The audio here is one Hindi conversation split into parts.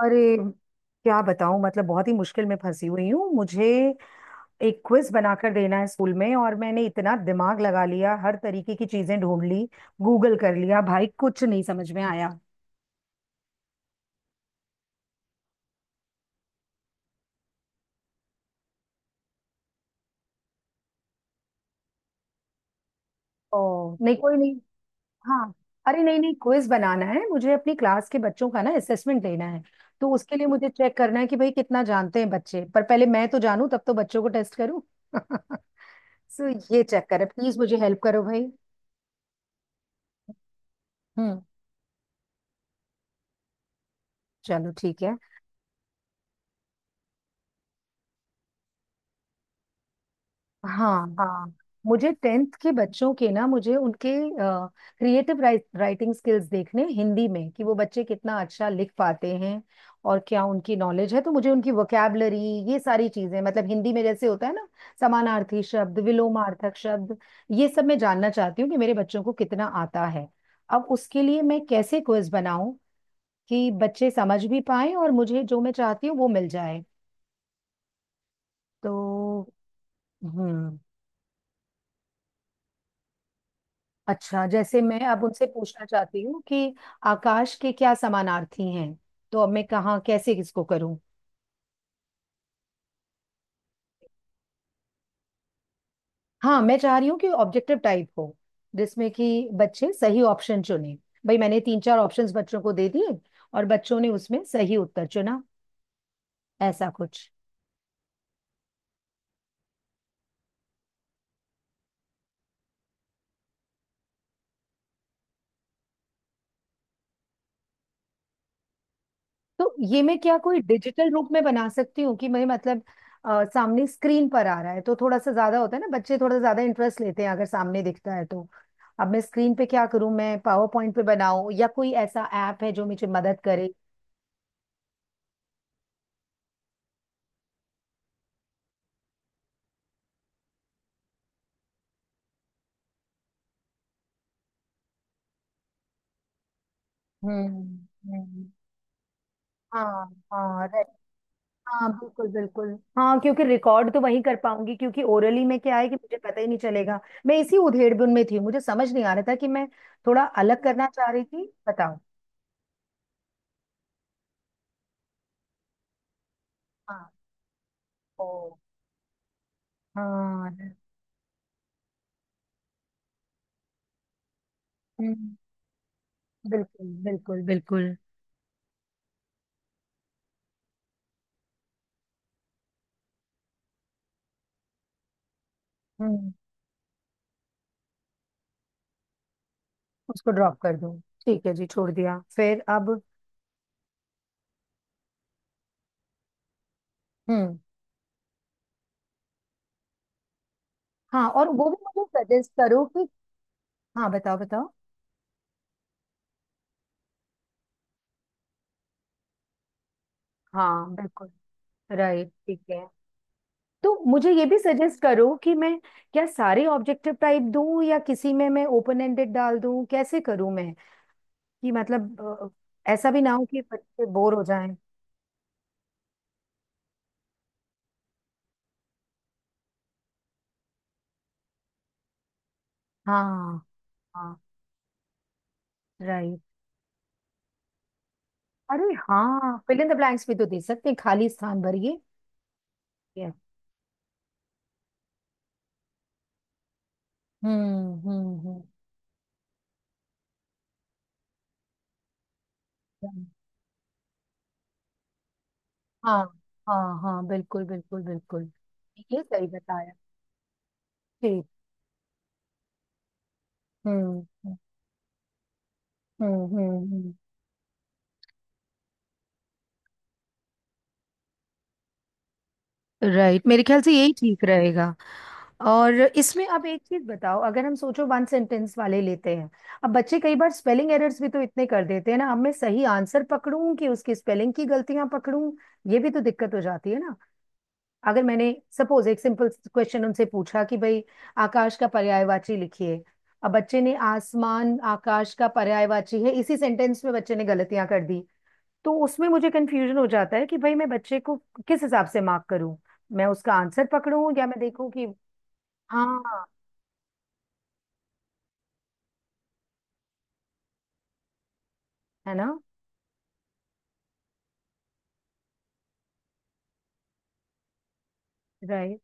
अरे क्या बताऊं मतलब बहुत ही मुश्किल में फंसी हुई हूँ। मुझे एक क्विज बनाकर देना है स्कूल में, और मैंने इतना दिमाग लगा लिया, हर तरीके की चीजें ढूंढ ली, गूगल कर लिया भाई, कुछ नहीं समझ में आया। ओ नहीं, कोई नहीं। हाँ। अरे नहीं नहीं, क्विज बनाना है मुझे, अपनी क्लास के बच्चों का ना असेसमेंट लेना है। तो उसके लिए मुझे चेक करना है कि भाई कितना जानते हैं बच्चे, पर पहले मैं तो जानूं तब तो बच्चों को टेस्ट करूं। सो ये चेक करें, प्लीज मुझे हेल्प करो भाई। हम्म चलो ठीक है। हाँ हाँ, मुझे टेंथ के बच्चों के ना, मुझे उनके क्रिएटिव राइटिंग स्किल्स देखने हिंदी में, कि वो बच्चे कितना अच्छा लिख पाते हैं और क्या उनकी नॉलेज है। तो मुझे उनकी वोकैबलरी, ये सारी चीजें मतलब हिंदी में जैसे होता है ना, समानार्थी शब्द, विलोमार्थक शब्द, ये सब मैं जानना चाहती हूँ कि मेरे बच्चों को कितना आता है। अब उसके लिए मैं कैसे क्विज बनाऊं कि बच्चे समझ भी पाए और मुझे जो मैं चाहती हूँ वो मिल जाए। तो हम्म अच्छा, जैसे मैं अब उनसे पूछना चाहती हूँ कि आकाश के क्या समानार्थी हैं, तो अब मैं कहाँ कैसे किसको करूँ। हाँ, मैं चाह रही हूँ कि ऑब्जेक्टिव टाइप हो, जिसमें कि बच्चे सही ऑप्शन चुने। भाई मैंने तीन चार ऑप्शंस बच्चों को दे दिए, और बच्चों ने उसमें सही उत्तर चुना, ऐसा कुछ। तो ये मैं क्या कोई डिजिटल रूप में बना सकती हूँ कि मैं मतलब सामने स्क्रीन पर आ रहा है तो थोड़ा सा ज्यादा होता है ना, बच्चे थोड़ा ज्यादा इंटरेस्ट लेते हैं अगर सामने दिखता है तो। अब मैं स्क्रीन पे क्या करूँ, मैं पावर पॉइंट पे बनाऊं या कोई ऐसा ऐप है जो मुझे मदद करे। हम्म हम्म हाँ हाँ, right. हाँ बिल्कुल बिल्कुल। हाँ क्योंकि रिकॉर्ड तो वहीं कर पाऊंगी, क्योंकि ओरली में क्या है कि मुझे पता ही नहीं चलेगा। मैं इसी उधेड़बुन में थी, मुझे समझ नहीं आ रहा था कि मैं थोड़ा अलग करना चाह रही थी, बताओ। हाँ। ओ। हाँ। हम्म बिल्कुल बिल्कुल बिल्कुल। हम्म उसको ड्रॉप कर दूं? ठीक है जी, छोड़ दिया। फिर अब? हम्म हाँ, और वो भी मुझे सजेस्ट करो कि। हाँ बताओ बताओ। हाँ बिल्कुल। राइट, ठीक है। तो मुझे ये भी सजेस्ट करो कि मैं क्या सारे ऑब्जेक्टिव टाइप दूं या किसी में मैं ओपन एंडेड डाल दूं, कैसे करूं मैं? कि मतलब ऐसा भी ना हो कि बच्चे बोर हो जाएं। हाँ। हाँ। राइट। अरे हाँ, फिल इन द ब्लैंक्स भी तो दे सकते हैं, खाली स्थान भरिए। Yes। हम्म हम्म हम्म। हाँ। हाँ हाँ बिल्कुल बिल्कुल बिल्कुल। ये सही बताया। ठीक। हम्म हम्म हम्म हम्म। राइट, मेरे ख्याल से यही ठीक रहेगा। और इसमें अब एक चीज बताओ, अगर हम सोचो वन सेंटेंस वाले लेते हैं, अब बच्चे कई बार स्पेलिंग एरर्स भी तो इतने कर देते हैं ना, अब मैं सही आंसर पकड़ूं कि उसकी स्पेलिंग की गलतियां पकड़ूं, ये भी तो दिक्कत हो जाती है ना। अगर मैंने सपोज एक सिंपल क्वेश्चन उनसे पूछा कि भाई आकाश का पर्यायवाची लिखिए, अब बच्चे ने आसमान आकाश का पर्यायवाची है, इसी सेंटेंस में बच्चे ने गलतियां कर दी, तो उसमें मुझे कंफ्यूजन हो जाता है कि भाई मैं बच्चे को किस हिसाब से मार्क करूं, मैं उसका आंसर पकड़ूं या मैं देखूं कि। हाँ। है ना? राइट।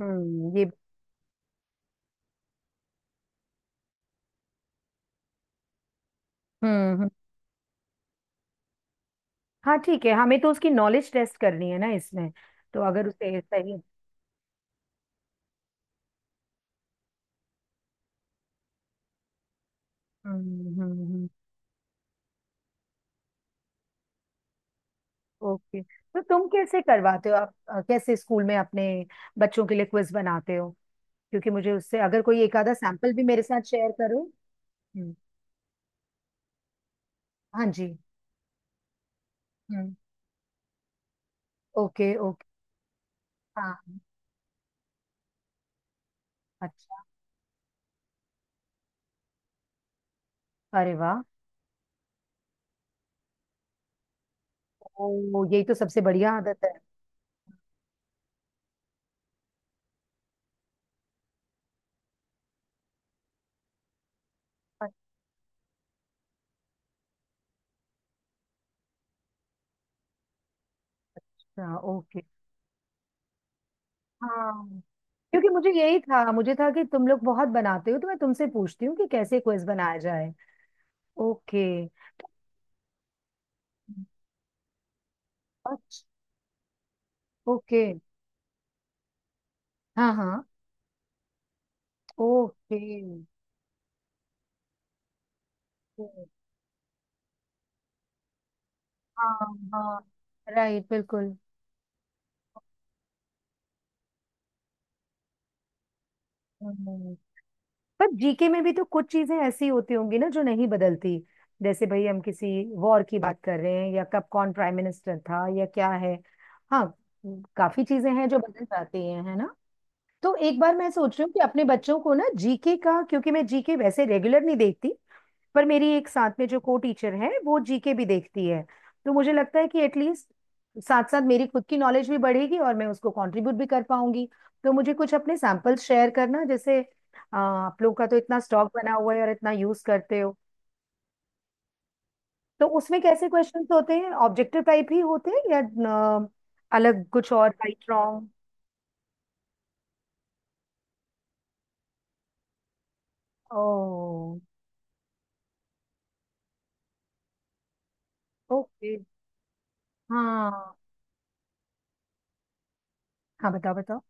ये हम्म हम्म। हाँ ठीक है, हमें तो उसकी नॉलेज टेस्ट करनी है ना इसमें, तो अगर उसे सही। हम्म। ओके, तो तुम कैसे करवाते हो आप, कैसे स्कूल में अपने बच्चों के लिए क्विज बनाते हो? क्योंकि मुझे उससे अगर कोई एक आधा सैंपल भी मेरे साथ शेयर करो। हम्म हाँ जी। हम्म ओके ओके। हाँ। अच्छा। अरे वाह। ओ, यही तो सबसे बढ़िया आदत है। अच्छा, ओके। हाँ, क्योंकि मुझे यही था, मुझे था कि तुम लोग बहुत बनाते हो, तो मैं तुमसे पूछती हूँ कि कैसे क्विज बनाया जाए। ओके। अच्छा, ओके। हाँ हाँ। ओके। हाँ हाँ, राइट, बिल्कुल। हम्म, पर जीके में भी तो कुछ चीजें ऐसी होती होंगी ना जो नहीं बदलती, जैसे भाई हम किसी वॉर की बात कर रहे हैं, या कब कौन प्राइम मिनिस्टर था, या क्या है। हाँ। काफी चीजें हैं जो बदल जाती हैं, है ना? तो एक बार मैं सोच रही हूँ कि अपने बच्चों को ना जीके का, क्योंकि मैं जीके वैसे रेगुलर नहीं देखती, पर मेरी एक साथ में जो को टीचर है वो जीके भी देखती है, तो मुझे लगता है कि एटलीस्ट साथ साथ मेरी खुद की नॉलेज भी बढ़ेगी और मैं उसको कंट्रीब्यूट भी कर पाऊंगी। तो मुझे कुछ अपने सैंपल्स शेयर करना, जैसे आप लोग का तो इतना स्टॉक बना हुआ है और इतना यूज करते हो। तो उसमें कैसे क्वेश्चंस होते हैं, ऑब्जेक्टिव टाइप ही होते हैं या अ, अलग कुछ, और राइट रॉन्ग? ओ। ओके। हाँ हाँ बताओ बताओ।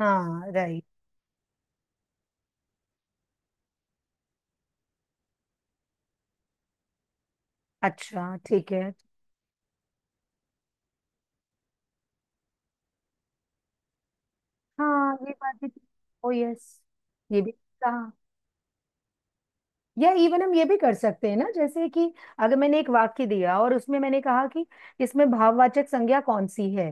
हाँ, राइट। अच्छा, ठीक है। हाँ, ये बात भी। ओ यस, ये भी कहा। या इवन हम ये भी कर सकते हैं ना, जैसे कि अगर मैंने एक वाक्य दिया और उसमें मैंने कहा कि इसमें भाववाचक संज्ञा कौन सी है,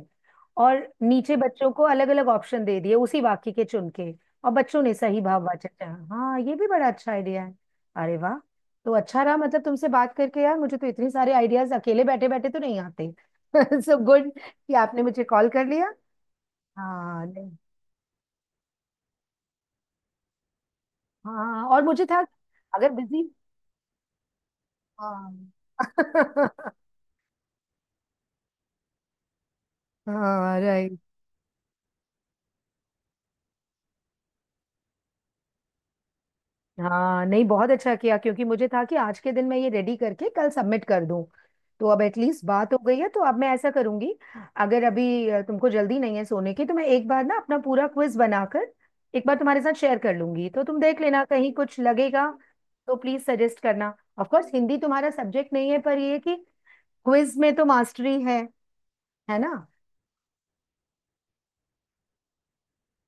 और नीचे बच्चों को अलग अलग ऑप्शन दे दिए उसी वाक्य के चुन के, और बच्चों ने सही भाववाचक चुना। हाँ, ये भी बड़ा अच्छा आइडिया है। अरे वाह, तो अच्छा रहा, मतलब तुमसे बात करके यार, मुझे तो इतने सारे आइडियाज अकेले बैठे बैठे तो नहीं आते। सो गुड कि आपने मुझे कॉल कर लिया। हाँ नहीं। हाँ, और मुझे था, अगर बिजी। हाँ। हाँ, राइट। हाँ नहीं, बहुत अच्छा किया, क्योंकि मुझे था कि आज के दिन मैं ये रेडी करके कल सबमिट कर दूं, तो अब एटलीस्ट बात हो गई है, तो अब मैं ऐसा करूंगी, अगर अभी तुमको जल्दी नहीं है सोने की, तो मैं एक बार ना अपना पूरा क्विज बनाकर एक बार तुम्हारे साथ शेयर कर लूंगी, तो तुम देख लेना कहीं कुछ लगेगा। तो प्लीज सजेस्ट करना, ऑफ कोर्स हिंदी तुम्हारा सब्जेक्ट नहीं है, पर ये है कि क्विज में तो मास्टरी है ना?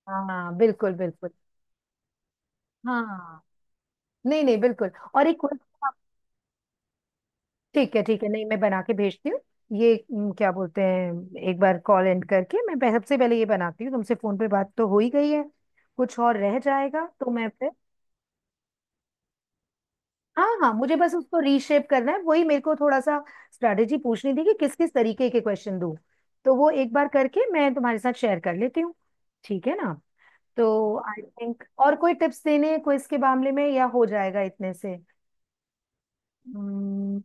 हाँ बिल्कुल बिल्कुल। हाँ नहीं नहीं, बिल्कुल, और एक क्विज। ठीक है ठीक है, नहीं मैं बना के भेजती हूँ। ये क्या बोलते हैं, एक बार कॉल एंड करके मैं सबसे पहले ये बनाती हूँ, तुमसे फोन पे बात तो हो ही गई है, कुछ और रह जाएगा तो मैं फिर। हाँ हाँ, मुझे बस उसको रीशेप करना है, वही मेरे को थोड़ा सा स्ट्रैटेजी पूछनी थी कि किस किस तरीके के क्वेश्चन दूँ, तो वो एक बार करके मैं तुम्हारे साथ शेयर कर लेती हूँ, ठीक है ना? तो आई थिंक और कोई टिप्स देने क्विज के मामले में, या हो जाएगा इतने से? हम्म,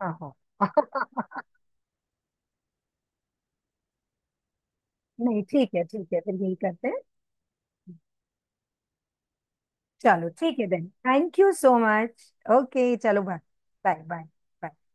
हाँ हाँ। नहीं ठीक है ठीक है, फिर यही करते हैं। चलो ठीक है, then thank you so much, okay चलो बाय बाय बाय।